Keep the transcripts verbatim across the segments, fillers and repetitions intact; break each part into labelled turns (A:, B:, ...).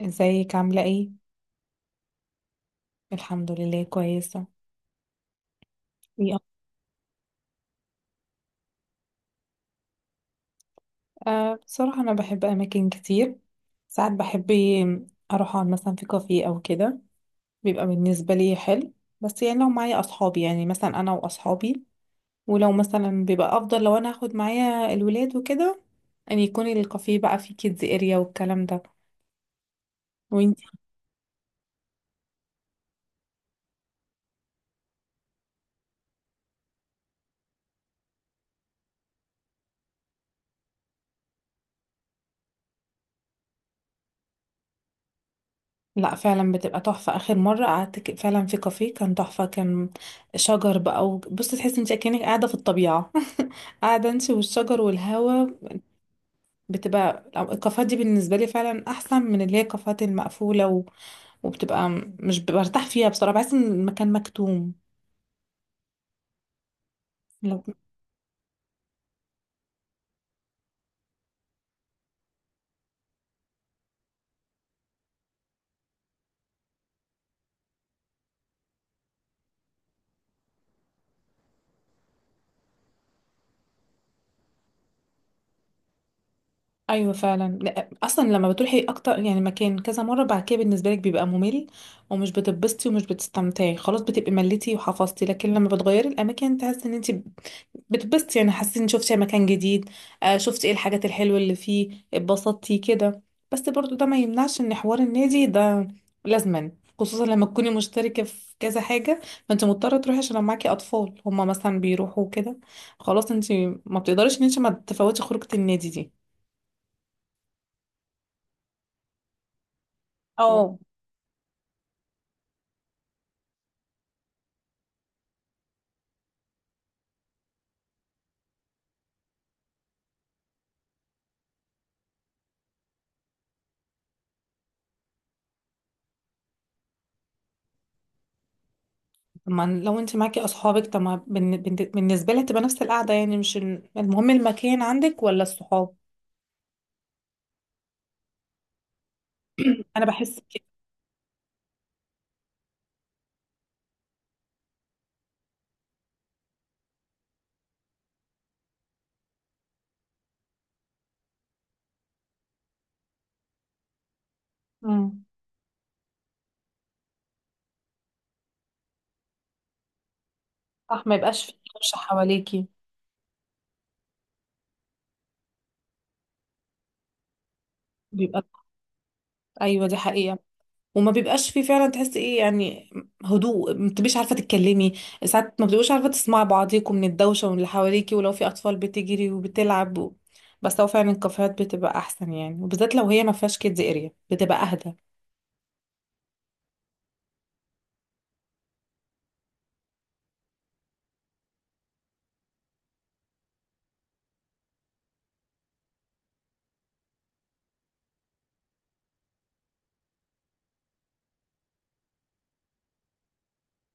A: ازيك عاملة ايه؟ الحمد لله كويسة. يا- أه بصراحة أنا بحب أماكن كتير. ساعات بحب أروح أقعد مثلا في كافيه أو كده، بيبقى بالنسبة لي حلو. بس يعني لو معايا أصحابي، يعني مثلا أنا وأصحابي، ولو مثلا بيبقى أفضل لو أنا هاخد معايا الولاد وكده، أن يكون الكافيه بقى فيه كيدز اريا والكلام ده. وانتي؟ لا فعلا بتبقى تحفة. آخر مرة قعدت ك- فعلا في كافيه كان تحفة، كان شجر بقى. وبصي تحسي انت كأنك قاعدة في الطبيعة، قاعدة امشي والشجر والهوا. بتبقى الكافيهات دي بالنسبة لي فعلا أحسن من اللي هي الكافيهات المقفولة، و... وبتبقى م- مش برتاح فيها بصراحة، بحس إن المكان مكتوم. لو... أيوة فعلا. لا، أصلا لما بتروحي أكتر يعني مكان كذا مرة، بعد كده بالنسبة لك بيبقى ممل، ومش بتتبسطي ومش بتستمتعي، خلاص بتبقي مليتي وحفظتي. لكن لما بتغيري الأماكن تحس إن انت بتبسطي، يعني حسيتي ان شفتي مكان جديد، آه، شفتي ايه الحاجات الحلوة اللي فيه، اتبسطتي كده. بس برضو ده ما يمنعش ان حوار النادي ده لازما، خصوصا لما تكوني مشتركة في كذا حاجة، ما انت مضطرة تروحي. عشان لو معاكي اطفال هما مثلا بيروحوا كده، خلاص انت ما بتقدريش ان انت ما تفوتي خروجة النادي دي. اه. طب ما لو انت معاكي اصحابك، طب ما بالن- بالن- بالنسبة لها تبقى نفس القعدة يعني، مش ال- المهم المكان عندك ولا الصحاب؟ انا بحس كده. مم. صح، ما يبقاش في دوشة حواليكي. بيبقى ايوه دي حقيقه. وما بيبقاش فيه فعلا، تحس ايه يعني هدوء، ما بتبقيش عارفه تتكلمي، ساعات ما بتبقوش عارفه تسمعي بعضيكم من الدوشه ومن اللي حواليكي، ولو في اطفال بتجري وبتلعب. و... بس هو فعلا الكافيهات بتبقى احسن يعني، وبالذات لو هي ما فيهاش كيدز اريا بتبقى اهدى.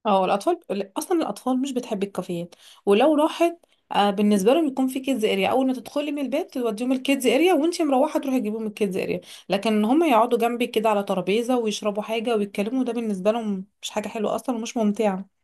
A: اه الاطفال، اصلا الاطفال مش بتحب الكافيهات، ولو راحت، آه، بالنسبه لهم يكون في كيدز اريا. اول ما تدخلي من البيت توديهم الكيدز اريا، وانتي مروحه تروحي تجيبيهم الكيدز اريا. لكن هم يقعدوا جنبي كده على ترابيزه ويشربوا حاجه ويتكلموا، ده بالنسبه لهم مش حاجه حلوه اصلا ومش ممتعه.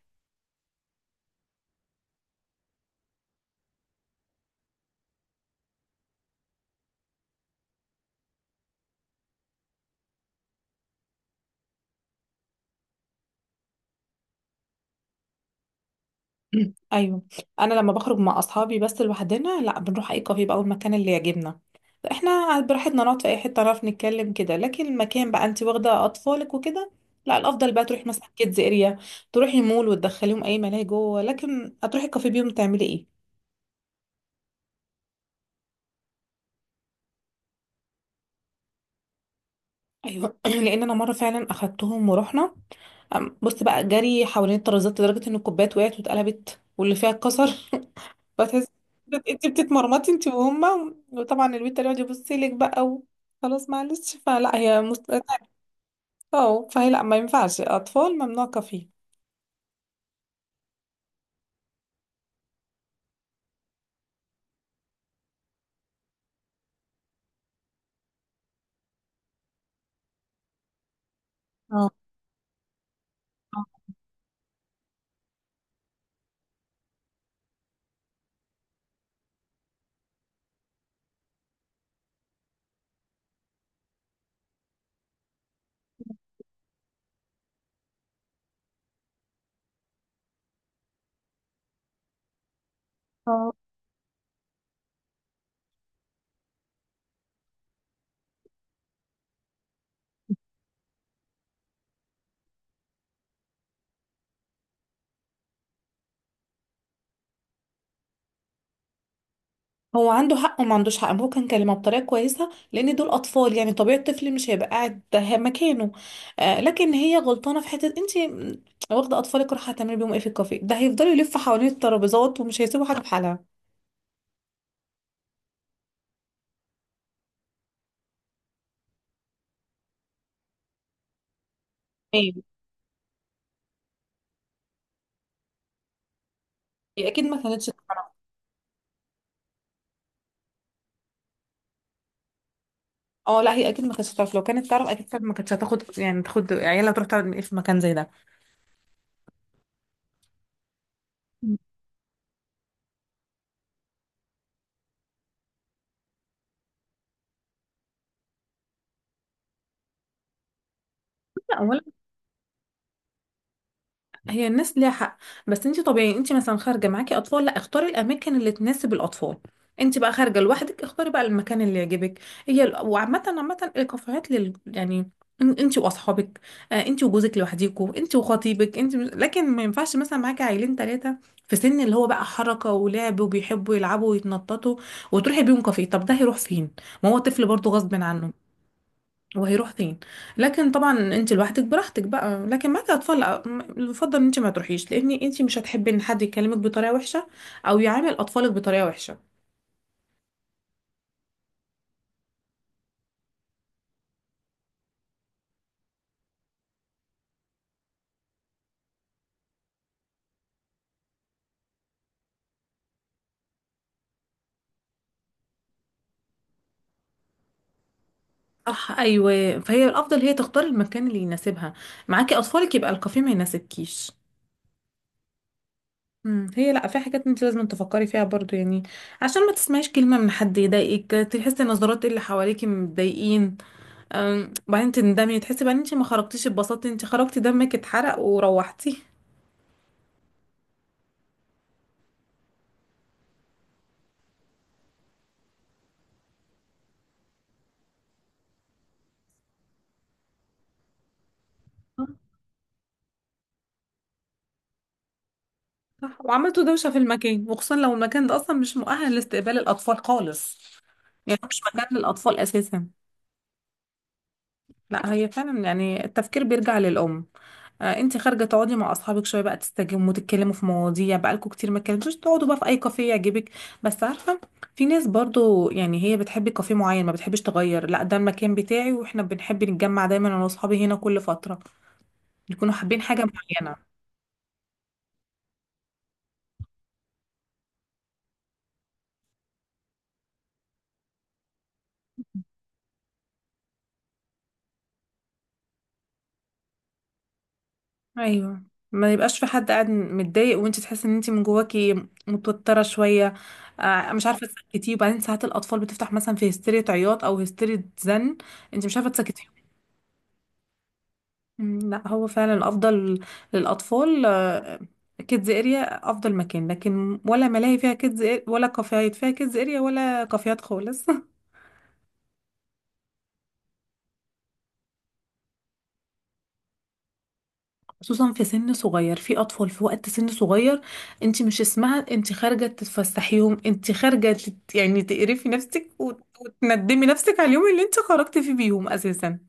A: ايوه. انا لما بخرج مع اصحابي بس لوحدنا، لا، بنروح اي كافيه بقى او المكان اللي يعجبنا، احنا براحتنا نقعد في اي حته نعرف نتكلم كده. لكن المكان بقى انت واخده اطفالك وكده، لا الافضل بقى تروحي مثلا كيدز اريا، تروحي مول وتدخليهم اي ملاهي جوه. لكن هتروحي الكافيه بيهم تعملي ايه؟ ايوه لان انا مره فعلا اخدتهم ورحنا، أم- بص بقى جري حوالين الترابيزات لدرجه ان الكوبايات وقعت واتقلبت واللي فيها اتكسر. فتحس انت بتتمرمطي انت وهما، وطبعا البنت اللي يقعد يبص لك بقى. و... خلاص معلش، فلا هي مست... اه فهي لا، ما ينفعش اطفال، ممنوع كفيف. اه. اه. آه. هو عنده حق وما عندوش حق، هو كان كلمه بطريقه كويسه لان دول اطفال، يعني طبيعي الطفل مش هيبقى قاعد ه- مكانه. آه لكن هي غلطانه في حته، انت واخده اطفالك رايحه هتعملي بيهم ايه في الكافيه؟ ده هيفضلوا يلفوا حوالين الترابيزات ومش هيسيبوا حاجه في حالها. ايه. هي اكيد ما كانتش. اه لا هي اكيد ما كانتش هتعرف. لو كانت تعرف اكيد كانت ما كانتش هتاخد، يعني تاخد عيالها تروح تقعد في مكان زي ده. هي الناس ليها حق، بس انت طبيعي انت مثلا خارجه معاكي اطفال، لا اختاري الاماكن اللي تناسب الاطفال. انت بقى خارجه لوحدك اختاري بقى المكان اللي يعجبك. هي ال- وعامه عامه الكافيهات لل يعني، ان- انت واصحابك، آه، انت وجوزك لوحديكوا، انت وخطيبك انت. لكن ما ينفعش مثلا معاكي عيلين ثلاثه في سن اللي هو بقى حركه ولعب وبيحبوا يلعبوا ويتنططوا، وتروحي بيهم كافيه، طب ده هيروح فين؟ ما هو طفل برضه غصب عنه، وهيروح فين؟ لكن طبعا انت لوحدك براحتك بقى، لكن معاكي اطفال لا، م- يفضل ان انت ما تروحيش لان انت مش هتحبي ان حد يكلمك بطريقه وحشه، او يعامل اطفالك بطريقه وحشه. صح ايوه. فهي الافضل هي تختار المكان اللي يناسبها. معاكي اطفالك يبقى الكافيه ما يناسبكيش. مم، هي لا، في حاجات انت لازم تفكري فيها برضو يعني، عشان ما تسمعيش كلمه من حد يضايقك، تحسي نظرات اللي حواليكي متضايقين، أم، بعدين تندمي تحسي بقى ان انت ما خرجتيش اتبسطتي، انت خرجتي دمك اتحرق وروحتي. صح وعملتوا دوشة في المكان، وخصوصا لو المكان ده أصلا مش مؤهل لاستقبال الأطفال خالص، يعني مش مكان للأطفال أساسا. لا هي فعلا يعني التفكير بيرجع للأم. آه أنت خارجة تقعدي مع أصحابك شوية بقى، تستجموا تتكلموا في مواضيع بقالكوا كتير ما اتكلمتوش، تقعدوا بقى في أي كافيه يعجبك. بس عارفة، في ناس برضو يعني هي بتحب كافيه معين ما بتحبش تغير، لا ده المكان بتاعي واحنا بنحب نتجمع دايما أنا وأصحابي هنا، كل فترة يكونوا حابين حاجة معينة. ايوه. ما يبقاش في حد قاعد متضايق، وانت تحسي ان انت من جواكي متوتره شويه، آه، مش عارفه تسكتيه. وبعدين ساعات الاطفال بتفتح مثلا في هستيريا عياط او هستيريا زن، انت مش عارفه تسكتيهم. مم، لا هو فعلا الافضل للاطفال كيدز اريا افضل مكان، لكن ولا ملاهي فيها كيدز، ولا كافيهات فيها كيدز اريا، ولا كافيهات خالص. خصوصا في سن صغير، في اطفال في وقت سن صغير. انت مش اسمها انت خارجه تتفسحيهم، انت خارجه تت- يعني تقرفي نفسك وت- وتندمي نفسك على اليوم اللي انت خرجتي فيه بيهم اساسا.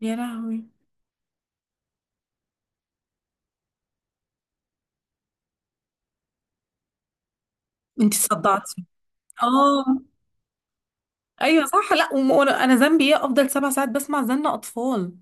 A: يا لهوي. انت صدعتي. اه. ايوه صح. لا وم- وانا انا ذنبي ايه افضل سبع ساعات بسمع زن اطفال؟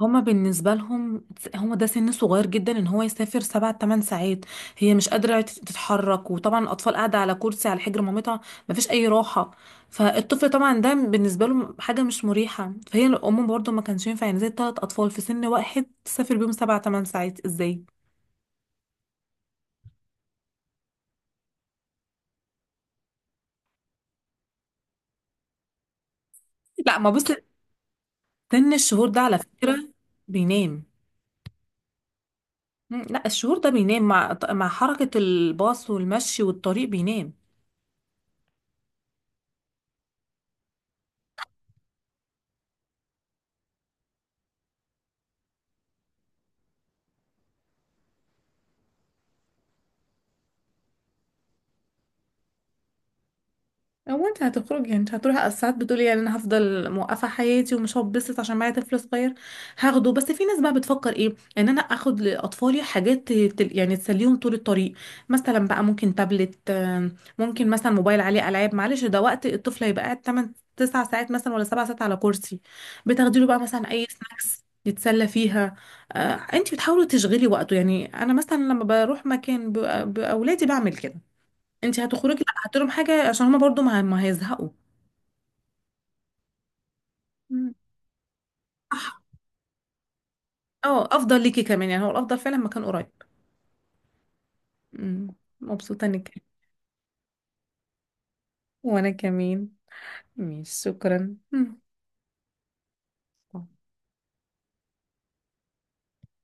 A: هما بالنسبة لهم، هما ده سن صغير جدا ان هو يسافر سبع تمن ساعات. هي مش قادرة تت- تتحرك، وطبعا الاطفال قاعدة على كرسي على حجر مامتها، مفيش اي راحة. فالطفل طبعا ده بالنسبة له حاجة مش مريحة. فهي الام برضو ما كانش ينفع، يعني زي تلات اطفال في سن واحد تسافر بيهم سبع تمن ساعات ازاي؟ لا ما بص، سن الشهور ده على فكرة بينام. مم، لا الشهور ده بينام، مع مع حركة الباص والمشي والطريق بينام. هو انت هتخرجي، انت هتروحي ساعات بتقولي يعني انا هفضل موقفه حياتي ومش هتبسط عشان معايا طفل صغير، هاخده. بس في ناس بقى بتفكر ايه، ان انا اخد لاطفالي حاجات تل- يعني تسليهم طول الطريق. مثلا بقى ممكن تابلت، آم، ممكن مثلا موبايل عليه العاب. معلش ده وقت الطفل هيبقى قاعد ثمانية تسعة ساعات مثلا ولا سبعة ساعات على كرسي. بتاخدي له بقى مثلا اي سناكس يتسلى فيها، آه، انت بتحاولي تشغلي وقته يعني. انا مثلا لما بروح مكان بأ- باولادي بعمل كده. انت هتخرجي لا هات لهم حاجه عشان هما برضو ما ما هيزهقوا. مم. صح. اه افضل ليكي كمان يعني، هو الافضل فعلا مكان قريب. مم. مبسوطه انك. وانا كمان. ماشي، شكرا. مم.